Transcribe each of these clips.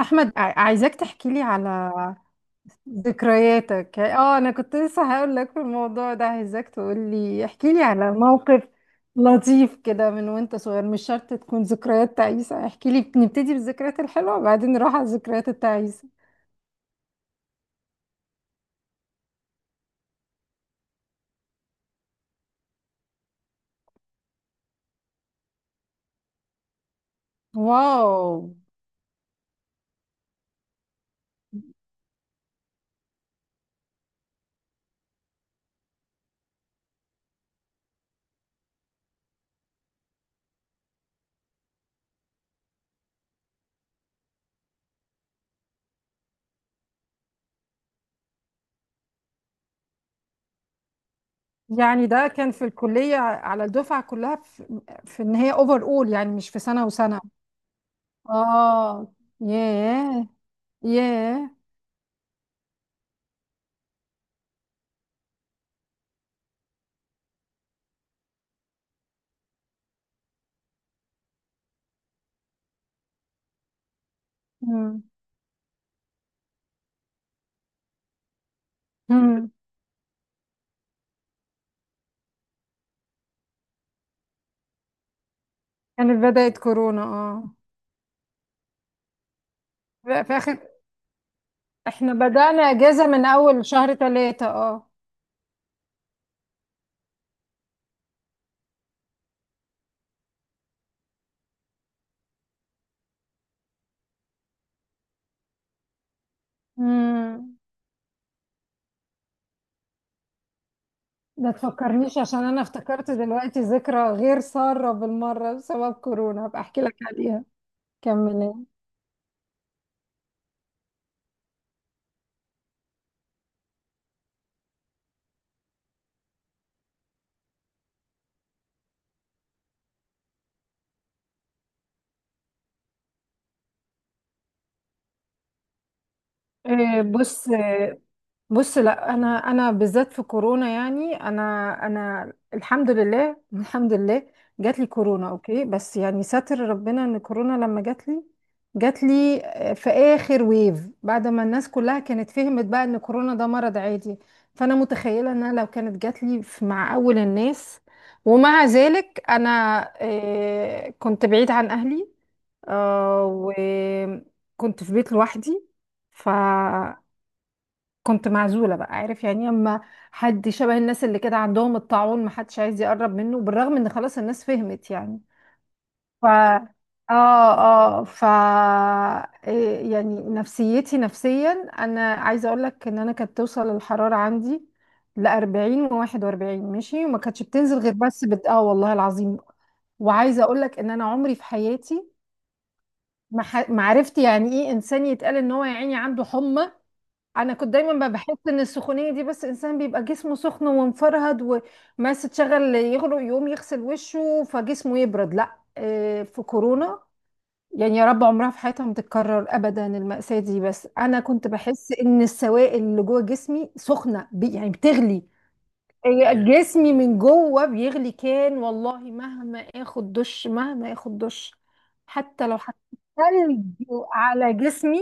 احمد عايزاك تحكي لي على ذكرياتك. اه انا كنت لسه هقول لك في الموضوع ده، عايزاك تقول لي، احكي لي على موقف لطيف كده من وانت صغير، مش شرط تكون ذكريات تعيسة. احكي لي، نبتدي بالذكريات الحلوة وبعدين نروح على الذكريات التعيسة. واو. يعني ده كان في الكلية على الدفعة كلها، في ان هي اوفر اول، يعني مش في سنة وسنة. اه. ياه. ياه. مم. مم. كانت بدأت كورونا، اه. لا، في اخر، احنا بدأنا اجازة من اول شهر ثلاثة. اه. امم. ما تفكرنيش، عشان انا افتكرت دلوقتي ذكرى غير سارة بالمرة بسبب كورونا، هبقى احكي لك عليها. كملي. بص. بص، لا انا، انا في كورونا، انا انا الحمد لله الحمد لله. جات لي كورونا اوكي، بس يعني ساتر ربنا ان كورونا لما جات لي، جات لي في اخر ويف، بعد ما الناس كلها كانت فهمت بقى ان كورونا ده مرض عادي. فانا متخيله ان انا لو كانت جات لي مع اول الناس. ومع ذلك انا كنت بعيد عن اهلي، آه وكنت في بيت لوحدي. كنت معزولة بقى، عارف يعني، اما حد شبه الناس اللي كده عندهم الطاعون محدش عايز يقرب منه، بالرغم ان خلاص الناس فهمت يعني. ف اه اه ف إيه يعني نفسيتي نفسيا، انا عايزة اقول لك ان انا كانت توصل الحرارة عندي ل 40 و41 ماشي، وما كانتش بتنزل غير بس بت... والله العظيم. وعايزة اقول لك ان انا عمري في حياتي ما عرفت يعني ايه انسان يتقال ان هو يا عيني عنده حمى. انا كنت دايما بحس ان السخونيه دي بس انسان بيبقى جسمه سخن ومفرهد، وماس تشغل يغرق يقوم يغسل وشه فجسمه يبرد. لا في كورونا، يعني يا رب عمرها في حياتها ما تتكرر ابدا المأساة دي. بس انا كنت بحس ان السوائل اللي جوه جسمي سخنه يعني بتغلي. جسمي من جوه بيغلي كان، والله مهما اخد دش، مهما اخد دش، حتى لو حطيت ثلج على جسمي.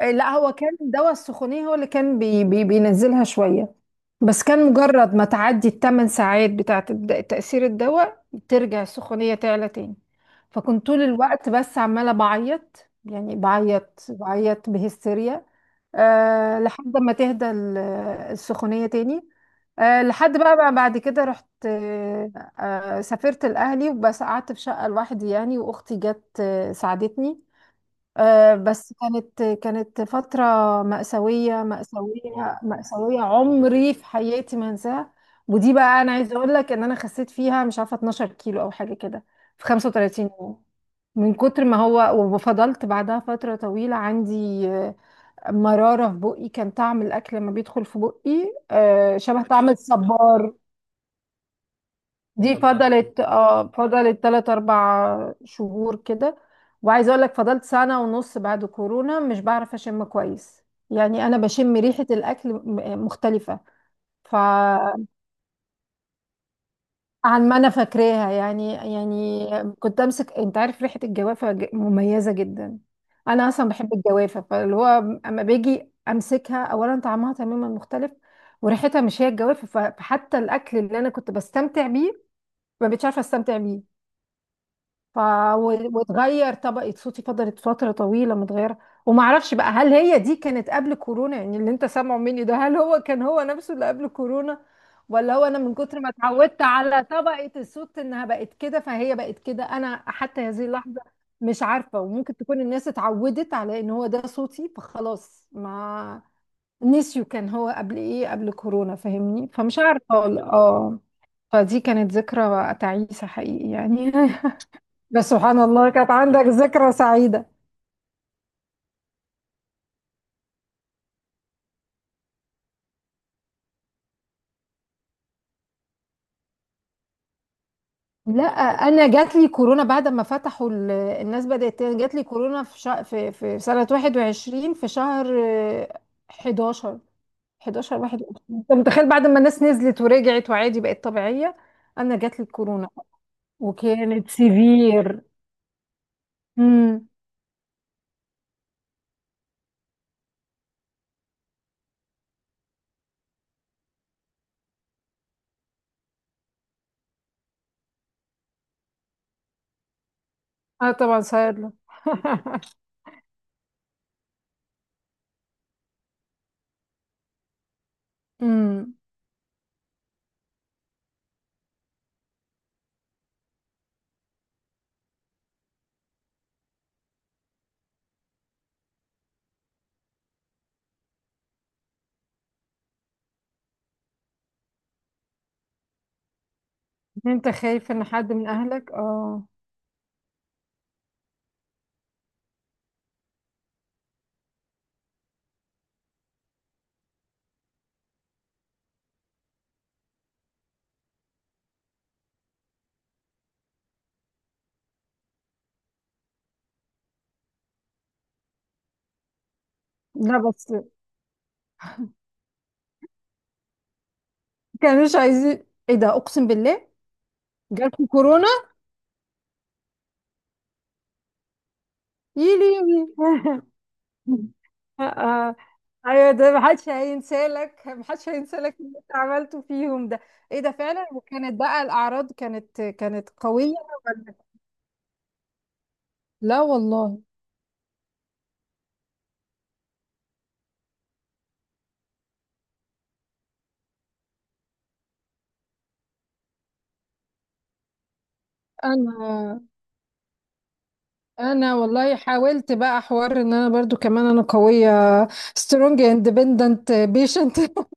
إيه، لا هو كان دواء السخونية هو اللي كان بي بي بينزلها شوية، بس كان مجرد ما تعدي الثمان ساعات بتاعة تأثير الدواء ترجع السخونية تعلى تاني. فكنت طول الوقت بس عمالة بعيط، يعني بعيط بهستيريا، أه، لحد ما تهدى السخونية تاني. أه، لحد بقى، بعد كده رحت، أه، سافرت الأهلي، وبس قعدت في شقة لوحدي يعني، وأختي جت ساعدتني. بس كانت فترة مأساوية، عمري في حياتي ما انساها. ودي بقى انا عايزة اقول لك ان انا خسيت فيها مش عارفة 12 كيلو او حاجة كده في 35 يوم، من كتر ما هو. وفضلت بعدها فترة طويلة عندي آه، مرارة في بقي. كان طعم الأكل لما بيدخل في بقي شبه طعم الصبار. دي ولا فضلت، اه فضلت تلات أربع شهور كده. وعايزة أقول لك فضلت سنة ونص بعد كورونا مش بعرف أشم كويس. يعني أنا بشم ريحة الأكل مختلفة، ف عن ما أنا فاكراها يعني يعني. كنت أمسك، أنت عارف ريحة الجوافة مميزة جدا. أنا أصلا بحب الجوافة، فاللي هو أما باجي أمسكها، أولا طعمها تماما مختلف، وريحتها مش هي الجوافة. فحتى الأكل اللي أنا كنت بستمتع بيه، ما بقتش عارفة أستمتع بيه. ف واتغير طبقة صوتي، فضلت فترة طويلة متغيرة. وما اعرفش بقى هل هي دي كانت قبل كورونا، يعني اللي انت سامعه مني ده هل هو كان هو نفسه اللي قبل كورونا، ولا هو انا من كتر ما اتعودت على طبقة الصوت انها بقت كده فهي بقت كده. انا حتى هذه اللحظة مش عارفة، وممكن تكون الناس اتعودت على ان هو ده صوتي فخلاص ما نسيوا كان هو قبل ايه قبل كورونا، فاهمني، فمش عارفة والله. اه. فدي كانت ذكرى تعيسة حقيقي يعني بس سبحان الله كانت عندك ذكرى سعيدة. لا، انا جات لي كورونا بعد ما فتحوا الناس بدأت تاني، جات لي كورونا في في سنة 21 في شهر آه، 11. 11 21، انت متخيل؟ بعد ما الناس نزلت ورجعت وعادي بقت طبيعية انا جات لي الكورونا. وكانت سيفير. امم. اه طبعا صاير له امم. انت خايف ان حد من اهلك؟ اه. لا بس كانوش عايزين ايه ده، اقسم بالله. جالكوا كورونا. يليمي آه. آه. ايوه ده محدش هينسالك، محدش هينسالك اللي انت عملته فيهم ده. ايه ده فعلا. وكانت بقى الاعراض كانت قويه. ولا. لا والله. انا انا والله حاولت بقى حوار ان انا برضو كمان انا قويه، سترونج اندبندنت بيشنت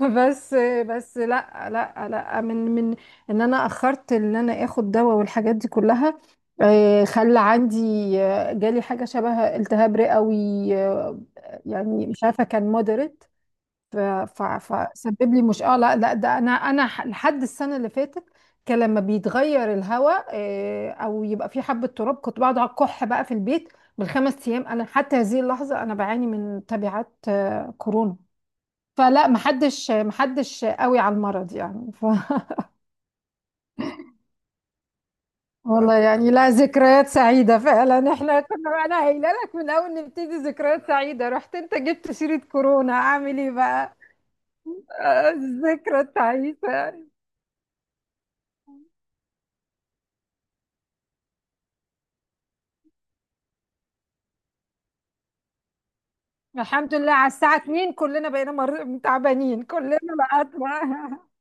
بس، بس لا لا لا من من ان انا اخرت ان انا اخد دواء والحاجات دي كلها خلى عندي جالي حاجه شبه التهاب رئوي آه، يعني مش عارفه كان مودريت، فسبب لي مش اه لا لا ده انا لحد السنه اللي فاتت، كان لما بيتغير الهواء او يبقى في حبه تراب كنت بقعد على الكح بقى في البيت بالخمس ايام. انا حتى هذه اللحظه انا بعاني من تبعات كورونا. فلا محدش، محدش قوي على المرض يعني والله يعني لا، ذكريات سعيدة فعلا احنا كنا، انا قايله لك من اول نبتدي ذكريات سعيدة، رحت انت جبت سيرة كورونا، اعمل ايه بقى؟ الذكرى التعيسة. الحمد لله، على الساعة 2 كلنا بقينا تعبانين كلنا بقى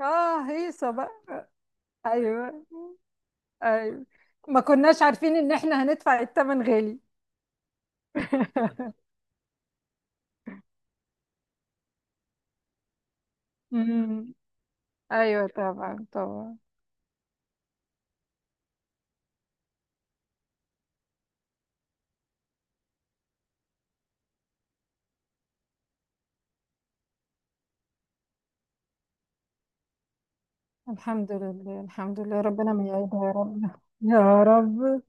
اه هيصة بقى. ايوه. ايوه. ما كناش عارفين ان احنا هندفع الثمن غالي أمم. ايوه طبعا طبعا. الحمد لله الحمد لله، ربنا ما يعيدها يا رب. يا رب.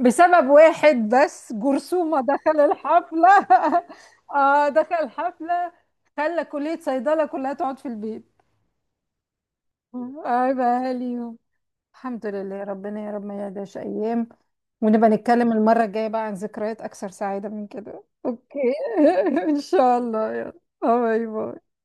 بسبب واحد بس، جرثومة دخل الحفلة اه دخل الحفلة، خلى كلية صيدلة كلها تقعد في البيت. عيبها ليهم. الحمد لله، ربنا يا رب ما يعيدهاش أيام. ونبقى نتكلم المرة الجاية بقى عن ذكريات أكثر سعادة من كده، أوكي؟ إن شاء الله، يلا، باي باي.